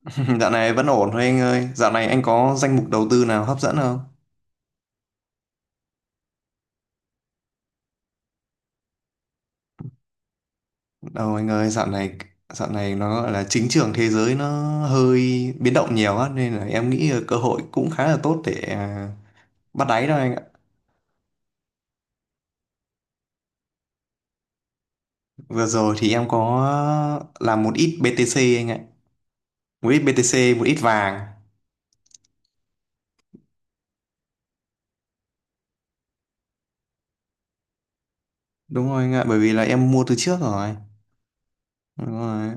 Dạo này vẫn ổn thôi anh ơi. Dạo này anh có danh mục đầu tư nào hấp dẫn không? Đâu anh ơi, dạo này nó gọi là chính trường thế giới nó hơi biến động nhiều á nên là em nghĩ cơ hội cũng khá là tốt để bắt đáy đó anh ạ. Vừa rồi thì em có làm một ít BTC anh ạ. Một ít BTC, một ít vàng. Đúng rồi anh ạ, bởi vì là em mua từ trước rồi. Đúng rồi.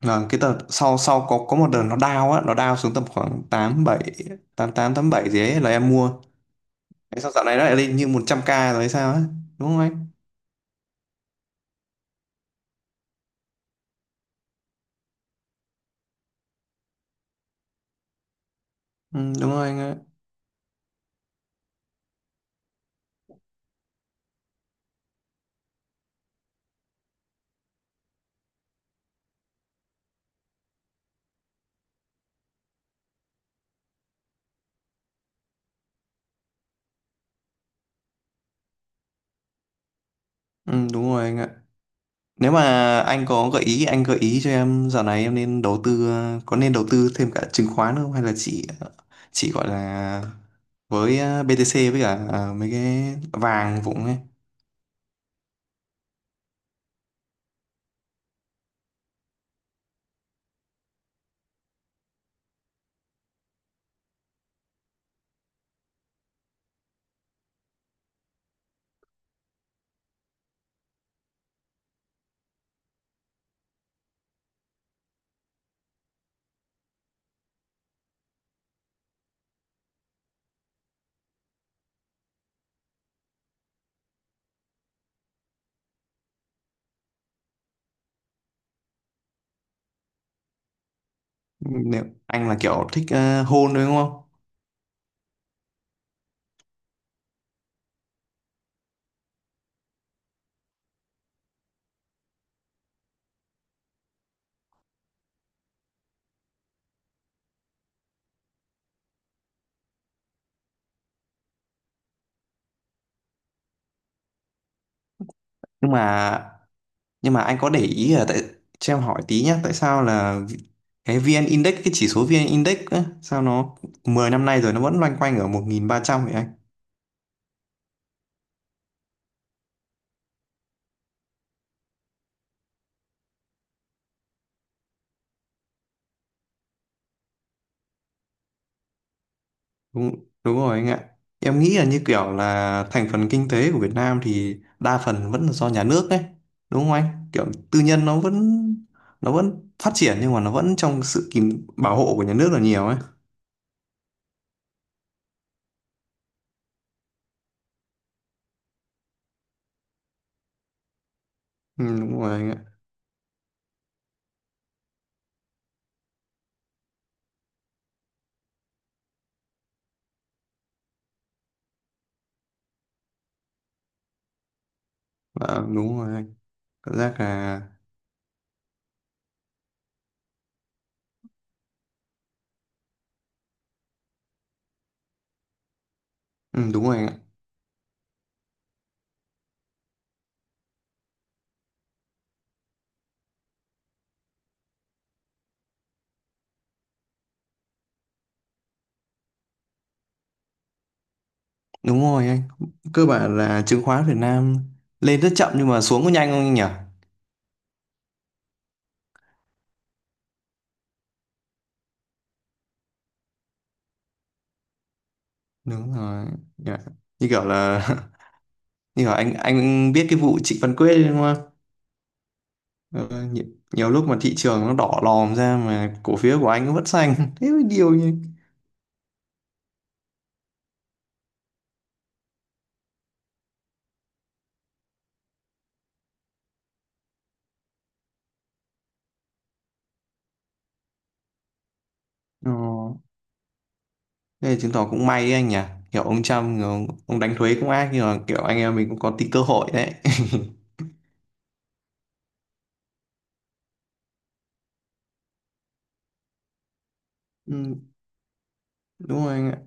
Là cái tờ sau sau có một đợt nó down á, nó down xuống tầm khoảng 8 tám tám 87 gì ấy là em mua. Thế sao dạo này nó lại lên như 100K rồi hay sao á? Đúng không anh? Ừ, đúng rồi anh ạ. Ừ, đúng rồi anh ạ. Nếu mà anh có gợi ý, anh gợi ý cho em dạo này em nên đầu tư, có nên đầu tư thêm cả chứng khoán không? Hay là chỉ chỉ gọi là với BTC với cả mấy cái vàng vụng ấy. Nếu anh là kiểu thích hôn đúng không? Nhưng mà nhưng mà anh có để ý là tại cho em hỏi tí nhá, tại sao là cái VN Index, cái chỉ số VN Index á, sao nó 10 năm nay rồi nó vẫn loanh quanh ở 1.300 vậy anh? Đúng đúng rồi anh ạ. Em nghĩ là như kiểu là thành phần kinh tế của Việt Nam thì đa phần vẫn là do nhà nước đấy đúng không anh? Kiểu tư nhân nó vẫn phát triển nhưng mà nó vẫn trong sự kìm bảo hộ của nhà nước là nhiều ấy. Ừ, đúng rồi anh ạ. Dạ, đúng rồi anh. Cảm giác là ừ, đúng rồi anh ạ. Đúng rồi anh. Cơ bản là chứng khoán Việt Nam lên rất chậm nhưng mà xuống có nhanh không anh nhỉ? Đúng rồi. Dạ. Như kiểu là như kiểu anh biết cái vụ Trịnh Văn Quyết đấy đúng không? Ờ, nhiều, nhiều lúc mà thị trường nó đỏ lòm ra mà cổ phiếu của anh nó vẫn xanh. Thế mới điều nhỉ. Ờ. Thế là chứng tỏ cũng may đấy anh nhỉ. Kiểu ông Trump người ông đánh thuế cũng ác nhưng mà kiểu anh em mình cũng có tí cơ hội đấy. Ừ, đúng rồi anh ạ.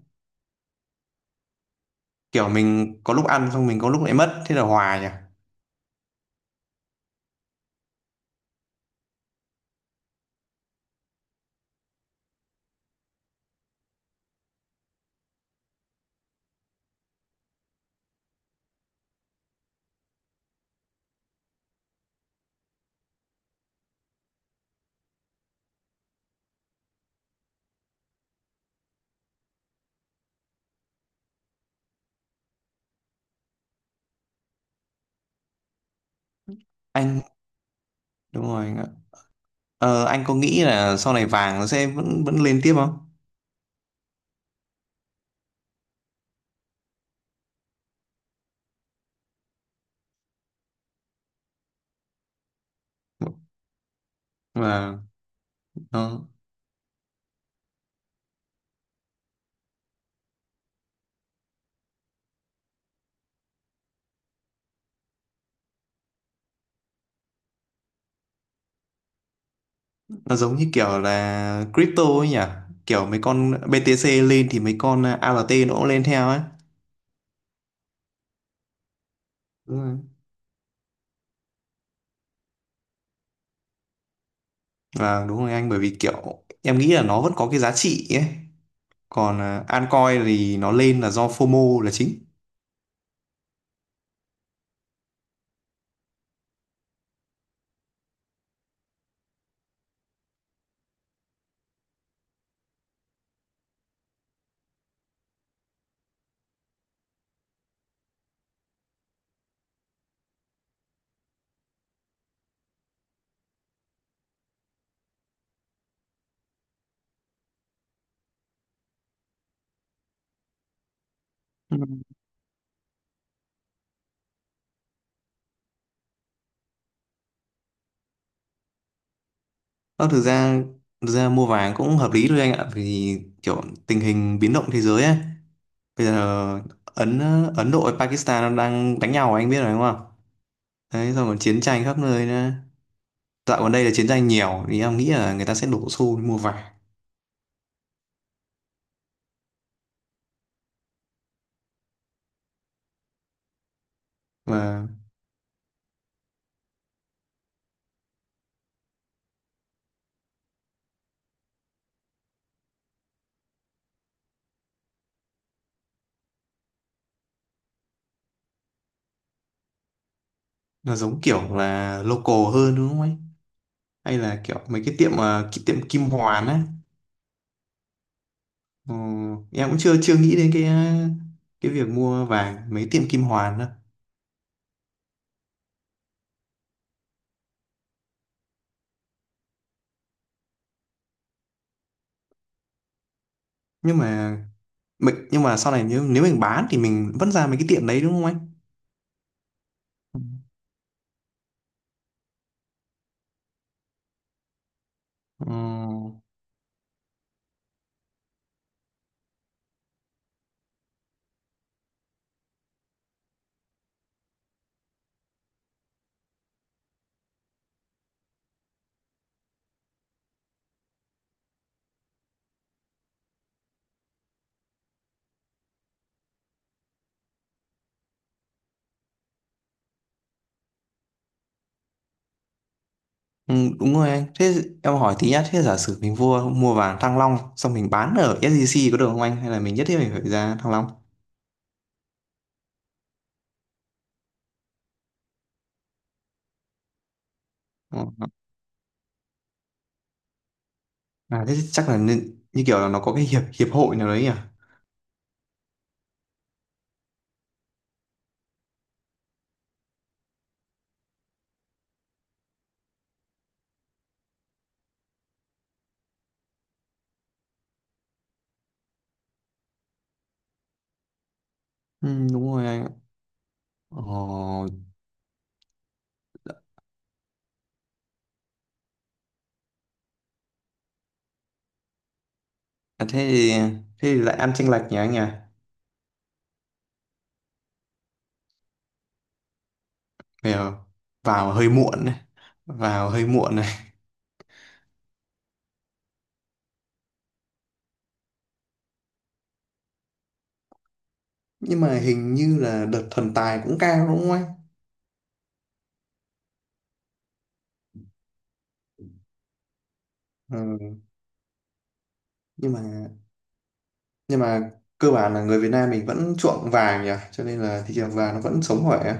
Kiểu mình có lúc ăn xong mình có lúc lại mất thế là hòa nhỉ. Anh đúng rồi. Ờ, anh có nghĩ là sau này vàng nó sẽ vẫn vẫn lên tiếp không? Mà nó nó giống như kiểu là crypto ấy nhỉ? Kiểu mấy con BTC lên thì mấy con ALT nó cũng lên theo ấy. Đúng rồi. Và đúng rồi anh bởi vì kiểu em nghĩ là nó vẫn có cái giá trị ấy. Còn à, altcoin thì nó lên là do phô mô là chính. Ừ. Ờ, thực ra thực ra mua vàng cũng hợp lý thôi anh ạ vì kiểu tình hình biến động thế giới ấy. Bây giờ Ấn Ấn Độ và Pakistan nó đang đánh nhau anh biết rồi đúng không? Đấy, xong còn chiến tranh khắp nơi nữa. Dạo gần đây là chiến tranh nhiều thì em nghĩ là người ta sẽ đổ xô đi mua vải và nó giống kiểu là local hơn đúng không ấy? Hay là kiểu mấy cái tiệm cái tiệm Kim Hoàn á. Ờ, em cũng chưa chưa nghĩ đến cái cái việc mua vàng mấy tiệm Kim Hoàn đâu. Nhưng mà nhưng mà sau này nếu nếu mình bán thì mình vẫn ra mấy cái tiệm đấy đúng không anh? Ừ. Ừ, đúng rồi anh. Thế em hỏi tí nhá, thế giả sử mình mua mua vàng Thăng Long xong mình bán ở SJC có được không anh? Hay là mình nhất thiết mình phải ra Thăng Long? Ờ, ờ. À, thế chắc là nên, như kiểu là nó có cái hiệp hiệp hội nào đấy nhỉ? Ừ, đúng rồi anh ạ. Ờ, à, thế thì lại ăn chênh lệch nhỉ anh nhỉ? Vào, vào hơi muộn này, vào hơi muộn này. Nhưng mà hình như là đợt thần tài cũng cao đúng không anh? Ừ, nhưng mà nhưng mà cơ bản là người Việt Nam mình vẫn chuộng vàng nhỉ, cho nên là thị trường vàng nó vẫn sống khỏe.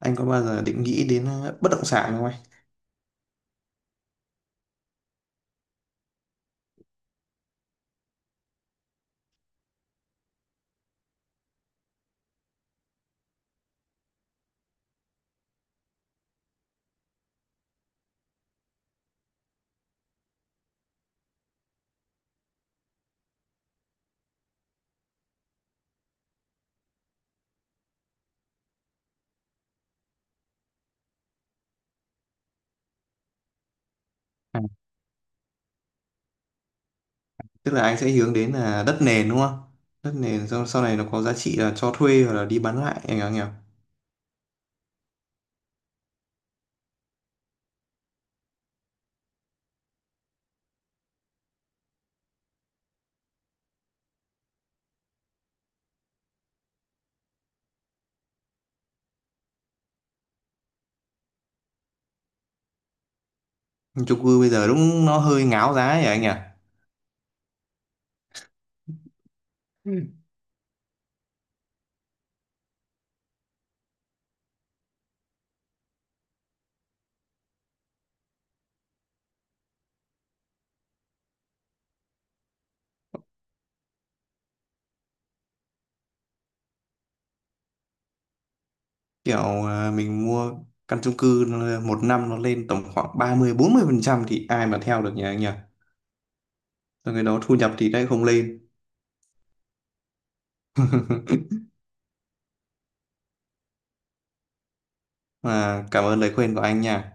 Anh có bao giờ định nghĩ đến bất động sản không anh? À, tức là anh sẽ hướng đến là đất nền đúng không? Đất nền sau, sau này nó có giá trị là cho thuê hoặc là đi bán lại anh nhỉ? Nhưng chung cư bây giờ đúng nó hơi ngáo giá ấy anh nhỉ? Kiểu mình mua căn chung cư nó- một năm nó lên tầm khoảng 30-40% thì ai mà theo được nhỉ anh nhỉ? Rồi cái đó thu nhập thì lại không lên. Mà cảm ơn lời khuyên của anh nha.